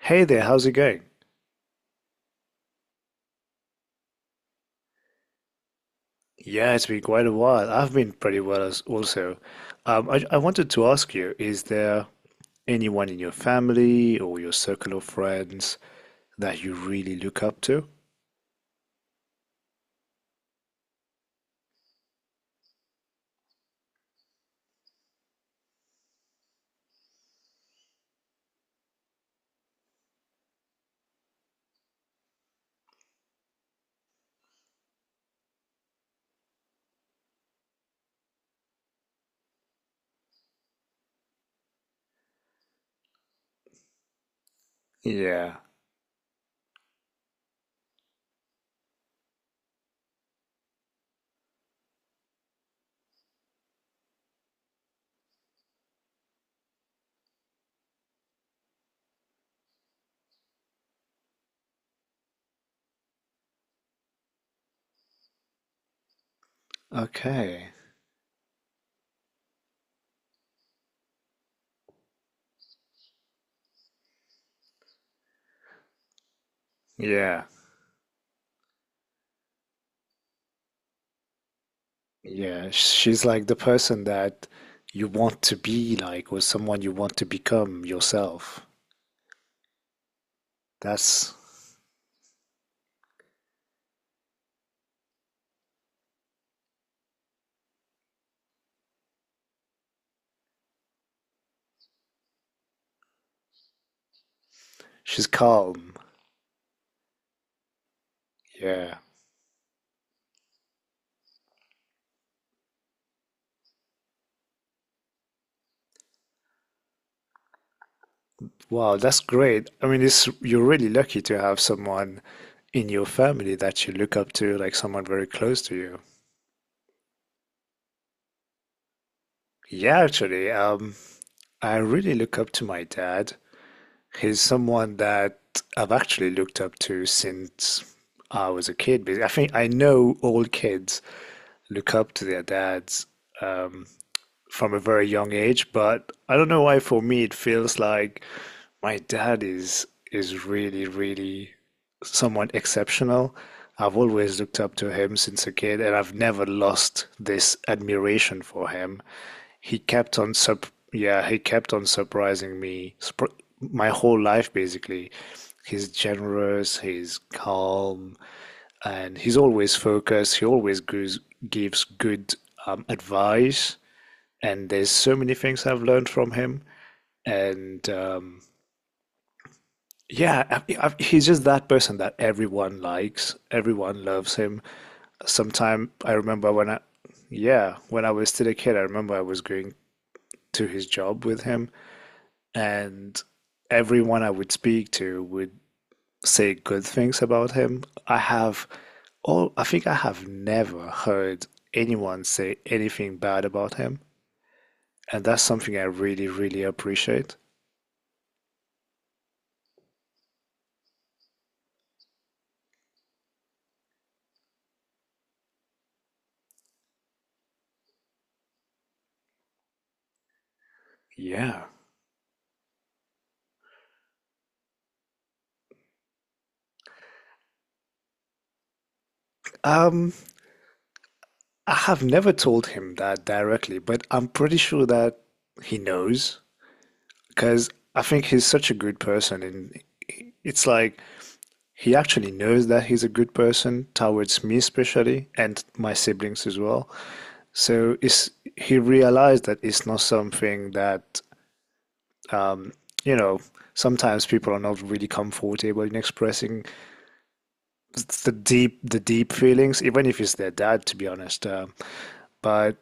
Hey there, how's it going? Yeah, it's been quite a while. I've been pretty well as also. I wanted to ask you, is there anyone in your family or your circle of friends that you really look up to? Yeah. Okay. Yeah. Yeah. She's like the person that you want to be like, or someone you want to become yourself. That's, she's calm. Yeah. Wow, that's great. I mean, you're really lucky to have someone in your family that you look up to, like someone very close to you? Yeah, actually, I really look up to my dad. He's someone that I've actually looked up to since I was a kid. Because I think I know all kids look up to their dads. Um, from a very young age, but I don't know why for me it feels like my dad is really, really somewhat exceptional. I've always looked up to him since a kid, and I've never lost this admiration for him. He kept on sup Yeah, he kept on surprising me sp my whole life basically. He's generous, he's calm, and he's always focused. He always gives good advice, and there's so many things I've learned from him. And yeah, he's just that person that everyone likes, everyone loves him. Sometime I remember when I, Yeah, when I was still a kid, I remember I was going to his job with him, and everyone I would speak to would say good things about him. I think I have never heard anyone say anything bad about him, and that's something I really, really appreciate. Yeah. Um, I have never told him that directly, but I'm pretty sure that he knows because I think he's such a good person, and it's like he actually knows that he's a good person towards me especially and my siblings as well. So it's, he realized that it's not something that um, you know sometimes people are not really comfortable in expressing the deep feelings, even if it's their dad, to be honest. Uh, but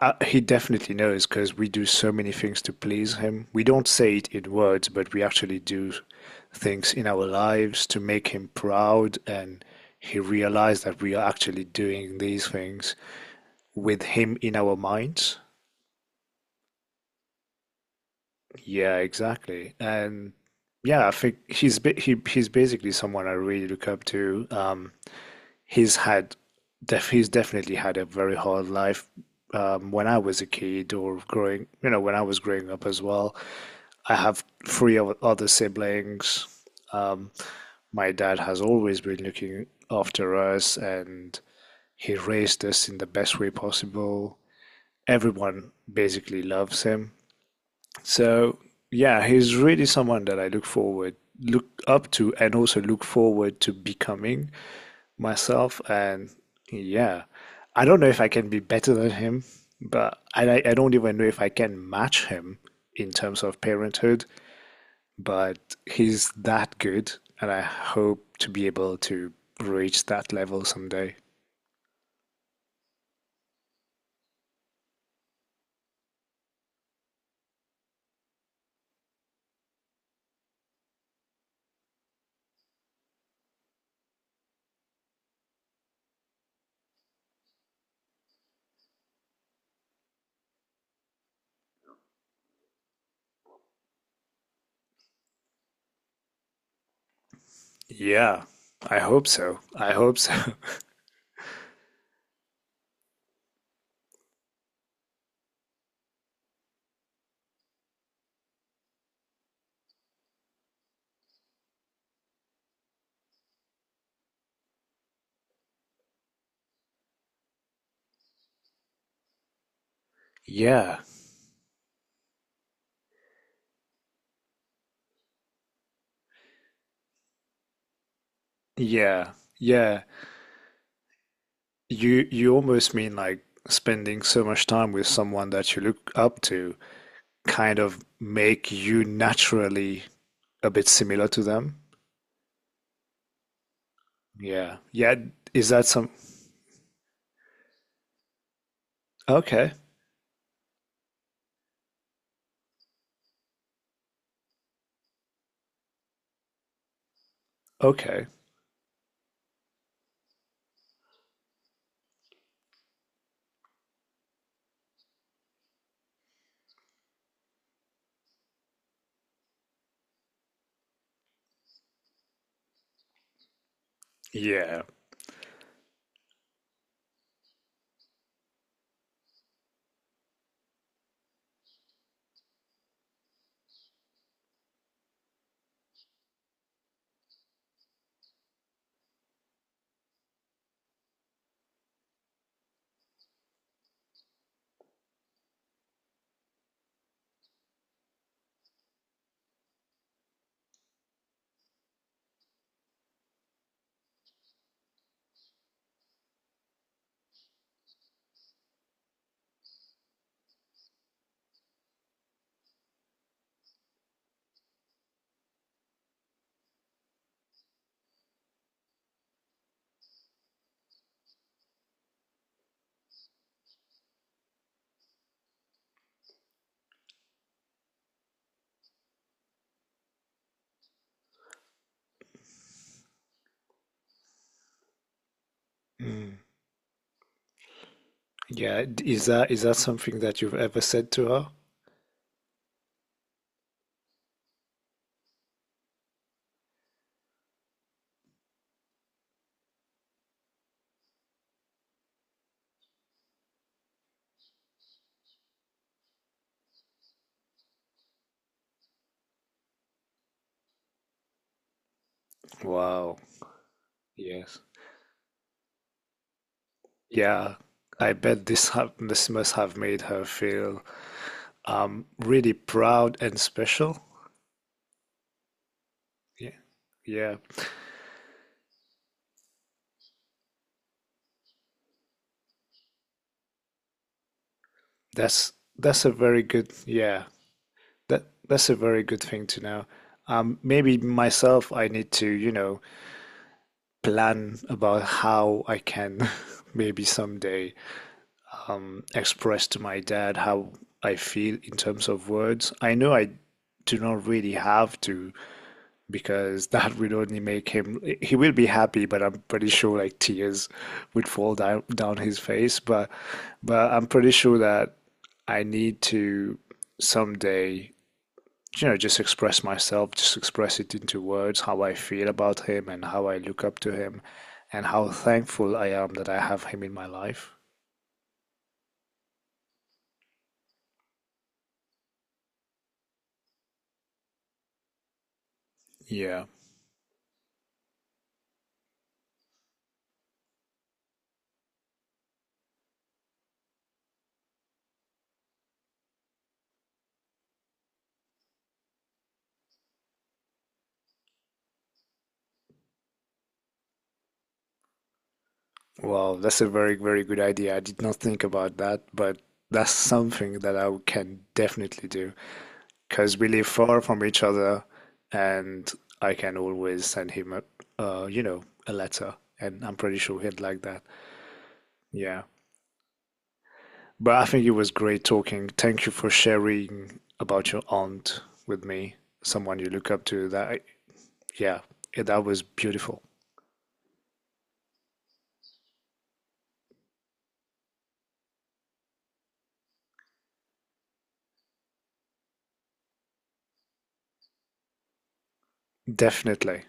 Uh, he definitely knows because we do so many things to please him. We don't say it in words, but we actually do things in our lives to make him proud. And he realized that we are actually doing these things with him in our minds. Yeah, exactly. And yeah, I think he's basically someone I really look up to. He's had he's definitely had a very hard life when I was a kid or growing, you know, when I was growing up as well. I have three other siblings. Um, my dad has always been looking after us and he raised us in the best way possible. Everyone basically loves him. So yeah, he's really someone that look up to, and also look forward to becoming myself. And yeah, I don't know if I can be better than him, but I don't even know if I can match him in terms of parenthood. But he's that good, and I hope to be able to reach that level someday. Yeah, I hope so. I hope so. Yeah, yeah, yeah. You you almost mean like spending so much time with someone that you look up to kind of make you naturally a bit similar to them. Yeah. Yeah. Is that some? Okay. Okay. Yeah. Mm. Yeah. Is that something that you've ever said to her? Wow. Yes. Yeah. I bet this must have made her feel really proud and special. Yeah. Yeah. That's that's a very good. Yeah. That's a very good thing to know. Maybe myself, I need to, you know, plan about how I can maybe someday express to my dad how I feel in terms of words. I know I do not really have to because that will only make him, he will be happy, but I'm pretty sure like tears would fall down his face. But I'm pretty sure that I need to someday you know, just express myself, just express it into words, how I feel about him and how I look up to him and how thankful I am that I have him in my life. Yeah. Well, that's a very, very good idea. I did not think about that, but that's something that I can definitely do because we live far from each other and I can always send him a, you know, a letter and I'm pretty sure he'd like that. Yeah. But I think it was great talking. Thank you for sharing about your aunt with me, someone you look up to. Yeah, that was beautiful. Definitely.